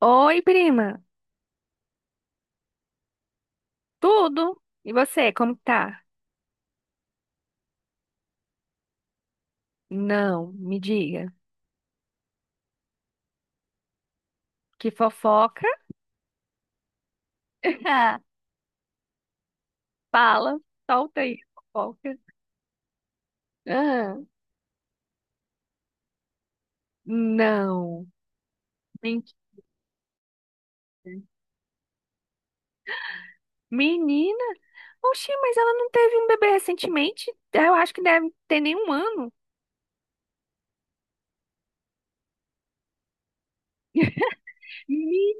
Oi, prima. Tudo? E você, como que tá? Não, me diga. Que fofoca? Ah, fala, solta aí, fofoca. Ah, não, mentira. Menina, oxi, mas ela não teve um bebê recentemente? Eu acho que deve ter nem um ano. Me-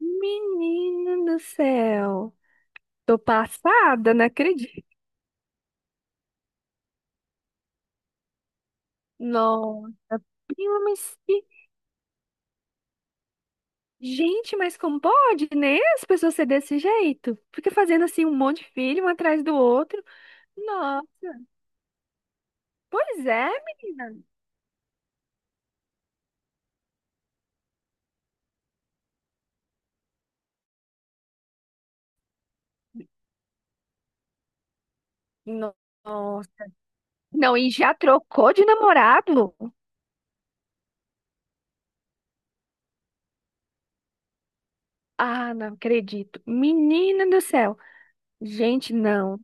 Menina do céu. Tô passada, não acredito. Não. Prima, mas gente, mas como pode, né? As pessoas ser desse jeito. Fica fazendo assim um monte de filho, um atrás do outro. Nossa. Pois é, menina. No- Nossa. Não, e já trocou de namorado? Ah, não acredito. Menina do céu. Gente, não.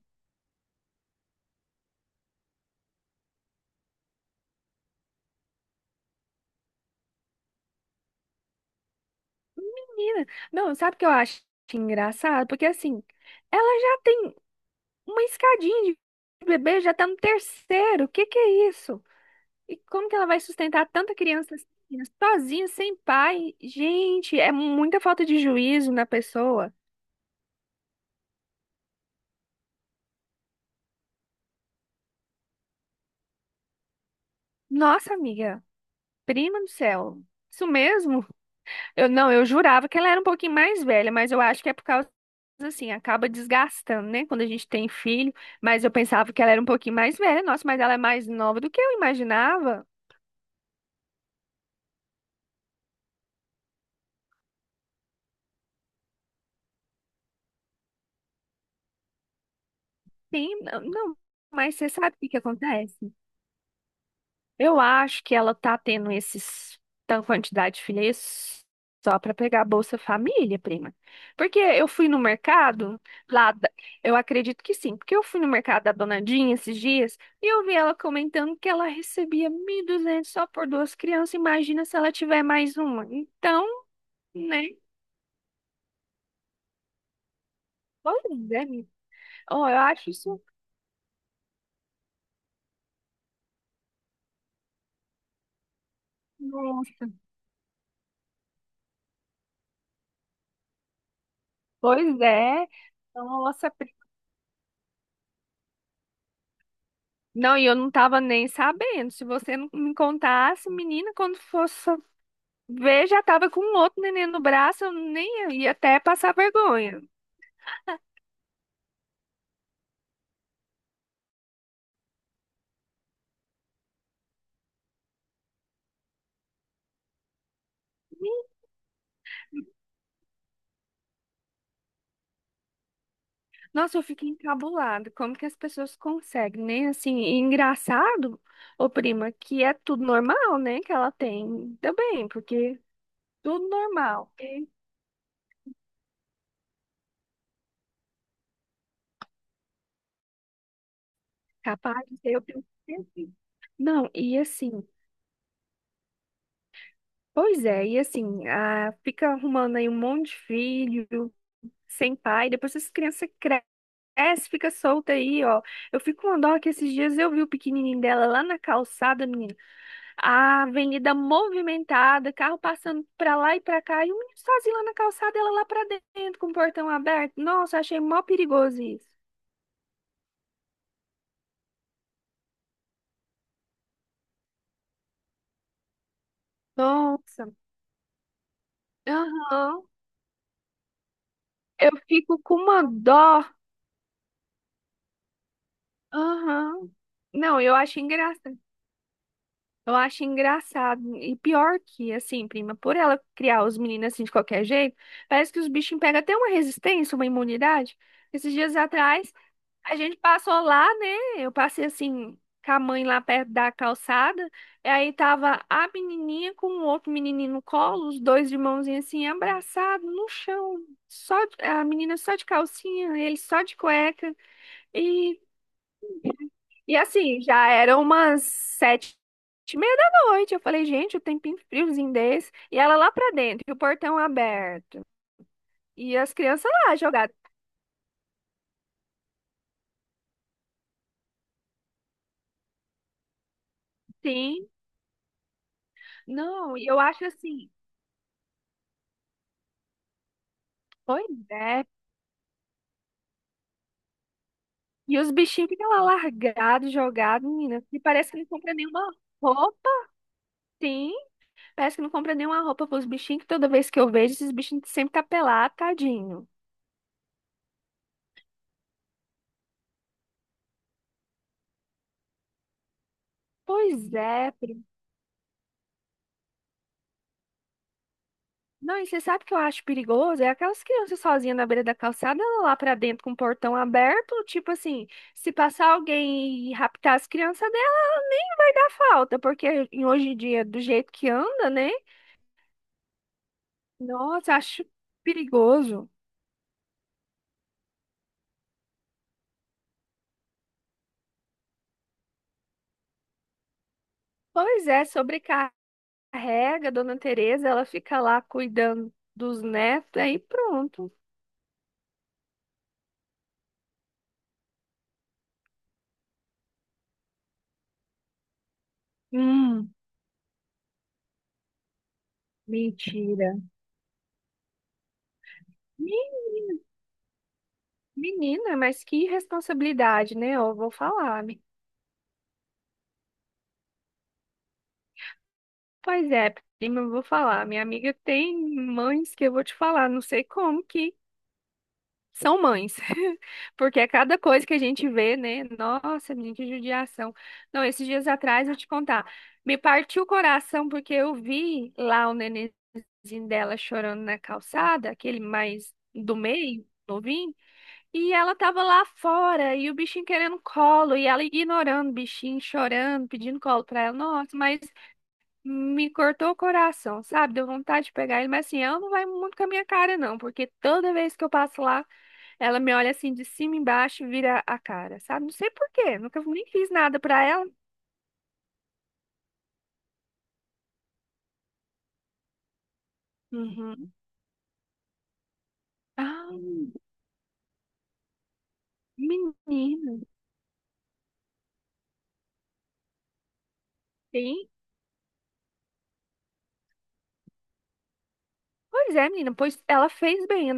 Menina. Não, sabe o que eu acho engraçado? Porque assim, ela já tem uma escadinha de bebê, já tá no terceiro. O que que é isso? E como que ela vai sustentar tanta criança assim, sozinha, sem pai? Gente, é muita falta de juízo na pessoa. Nossa, amiga, prima do céu. Isso mesmo? Eu não, eu jurava que ela era um pouquinho mais velha, mas eu acho que é por causa assim, acaba desgastando, né, quando a gente tem filho, mas eu pensava que ela era um pouquinho mais velha. Nossa, mas ela é mais nova do que eu imaginava. Sim, não, não, mas você sabe o que que acontece? Eu acho que ela tá tendo esses tanta quantidade de filhas só para pegar a Bolsa Família, prima. Porque eu fui no mercado lá, eu acredito que sim, porque eu fui no mercado da Dona Dinha esses dias e eu vi ela comentando que ela recebia 1.200 só por duas crianças. Imagina se ela tiver mais uma. Então, né? Pois é, menina. Oh, eu acho isso. Nossa. Pois é. Nossa, não, e eu não tava nem sabendo. Se você não me contasse, menina, quando fosse ver, já tava com um outro neném no braço, eu nem ia até passar vergonha. Nossa, eu fiquei encabulada. Como que as pessoas conseguem, né? Assim, e engraçado, ô prima, que é tudo normal, né? Que ela tem. Ainda bem, porque tudo normal, porque capaz de ser, eu tenho certeza. Não, e assim, pois é, e assim, ah, fica arrumando aí um monte de filho sem pai, depois essa criança cresce, fica solta aí, ó. Eu fico com uma dó que esses dias eu vi o pequenininho dela lá na calçada, menina. A avenida movimentada, carro passando pra lá e pra cá, e o menino sozinho lá na calçada, ela lá pra dentro, com o portão aberto. Nossa, achei mó perigoso isso. Nossa. Aham. Eu fico com uma dó. Aham. Não, eu acho engraçado. Eu acho engraçado. E pior que, assim, prima, por ela criar os meninos assim de qualquer jeito, parece que os bichinhos pegam até uma resistência, uma imunidade. Esses dias atrás, a gente passou lá, né? Eu passei assim, com a mãe lá perto da calçada. E aí tava a menininha com o outro menininho no colo, os dois de mãozinha assim, abraçados no chão. Só, a menina só de calcinha, ele só de cueca. E e assim, já eram umas sete e meia da noite. Eu falei, gente, o tempinho friozinho desse. E ela lá pra dentro, e o portão aberto. E as crianças lá jogadas. Sim, não, e eu acho assim, pois é. E os bichinhos ficam lá largados, jogados, menina. E parece que não compra nenhuma roupa. Sim, parece que não compra nenhuma roupa pros bichinhos, que toda vez que eu vejo, esses bichinhos sempre tá pelado, tadinho. Pois é, não, e você sabe o que eu acho perigoso? É aquelas crianças sozinhas na beira da calçada, lá pra dentro com o portão aberto, tipo assim, se passar alguém e raptar as crianças dela, nem vai dar falta, porque hoje em dia, do jeito que anda, né? Nossa, acho perigoso. Pois é, sobrecarrega a dona Tereza, ela fica lá cuidando dos netos, aí pronto. Hum, mentira. Me- Menina, mas que responsabilidade, né? Eu vou falar. Pois é, prima, eu vou falar. Minha amiga tem mães que eu vou te falar, não sei como que são mães. Porque é cada coisa que a gente vê, né? Nossa, menina, que judiação. Não, esses dias atrás, eu te contar, me partiu o coração porque eu vi lá o nenenzinho dela chorando na calçada, aquele mais do meio, novinho, e ela tava lá fora, e o bichinho querendo colo, e ela ignorando o bichinho, chorando, pedindo colo pra ela. Nossa, mas me cortou o coração, sabe? Deu vontade de pegar ele, mas assim, ela não vai muito com a minha cara, não, porque toda vez que eu passo lá, ela me olha assim de cima e embaixo e vira a cara, sabe? Não sei por quê, nunca nem fiz nada pra ela. Uhum. Ah, menina, sim. Pois é, menina, pois ela fez bem.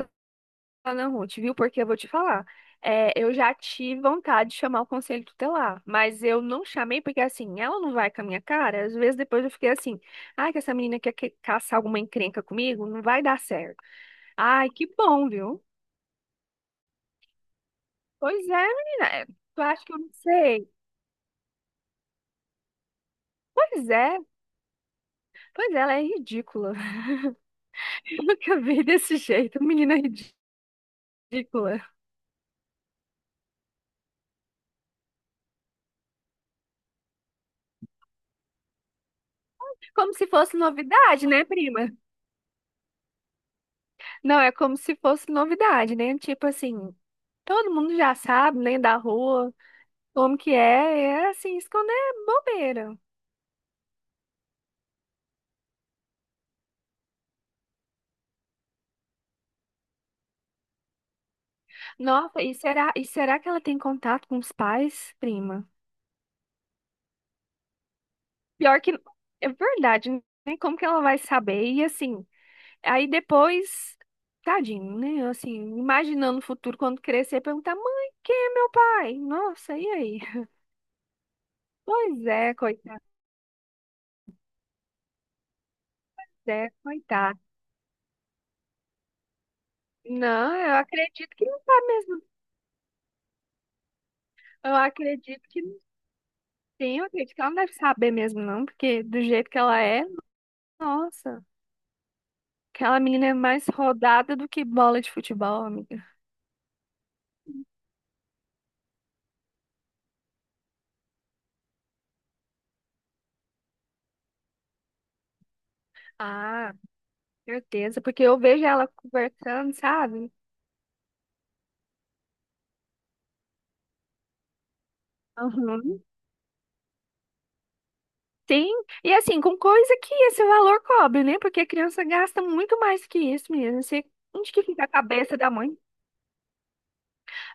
Ah, não, Ruth, viu? Porque eu vou te falar. É, eu já tive vontade de chamar o conselho tutelar, mas eu não chamei porque, assim, ela não vai com a minha cara. Às vezes depois eu fiquei assim, ai, que essa menina quer que- caçar alguma encrenca comigo, não vai dar certo. Ai, que bom, viu? Pois é, menina, é, tu acha que eu não sei? Pois é, pois é, ela é ridícula. Eu nunca vi desse jeito, menina ridícula. Como se fosse novidade, né, prima? Não, é como se fosse novidade, né? Tipo assim, todo mundo já sabe, né, da rua, como que é, é assim, esconder bobeira. Nossa, e será que ela tem contato com os pais, prima? Pior que é verdade, né? Como que ela vai saber? E assim, aí depois, tadinho, né? Assim, imaginando o futuro quando crescer, perguntar: "Mãe, quem é meu pai?" Nossa, e aí? Pois é, coitado, é, coitado. Não, eu acredito que não tá mesmo. Eu acredito que não tem, eu acredito que ela não deve saber mesmo, não, porque do jeito que ela é, nossa, aquela menina é mais rodada do que bola de futebol, amiga. Ah, certeza, porque eu vejo ela conversando, sabe? Uhum. Sim, e assim, com coisa que esse valor cobre, né? Porque a criança gasta muito mais que isso mesmo. Você- Onde que fica a cabeça da mãe?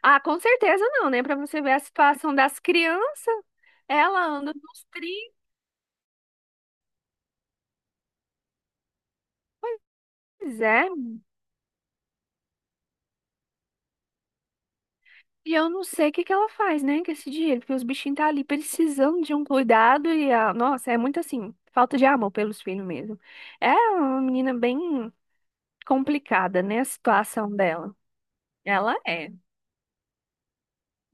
Ah, com certeza não, né? Pra você ver a situação das crianças, ela anda nos 30. Pois é. E eu não sei o que que ela faz, né, com esse dinheiro, porque os bichinhos tá ali precisando de um cuidado e a... Nossa, é muito assim, falta de amor pelos filhos mesmo. É uma menina bem complicada, né, a situação dela. Ela é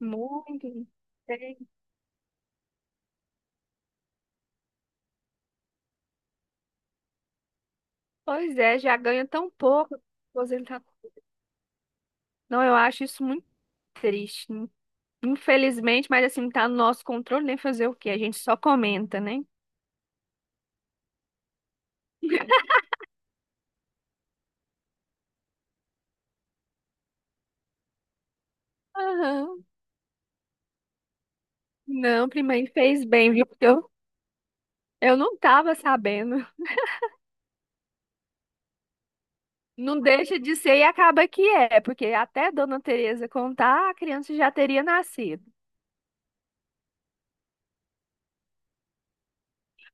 muito. Bem. Pois é, já ganha tão pouco aposentado. Não, eu acho isso muito triste. Infelizmente, mas assim, não tá no nosso controle nem fazer o quê? A gente só comenta, né? Aham. Não, prima, fez bem, viu? Porque eu não tava sabendo. Não deixa de ser e acaba que é, porque até Dona Teresa contar, a criança já teria nascido.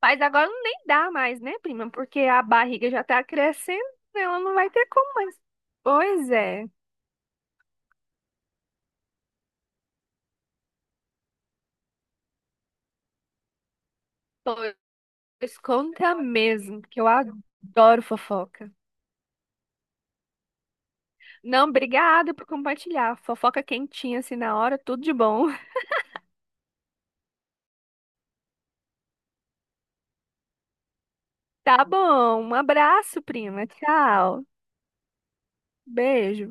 Mas agora nem dá mais, né, prima? Porque a barriga já tá crescendo, ela não vai ter como mais. Pois é. Pois conta mesmo, que eu adoro fofoca. Não, obrigada por compartilhar. Fofoca quentinha assim na hora, tudo de bom. Tá bom, um abraço, prima. Tchau. Beijo.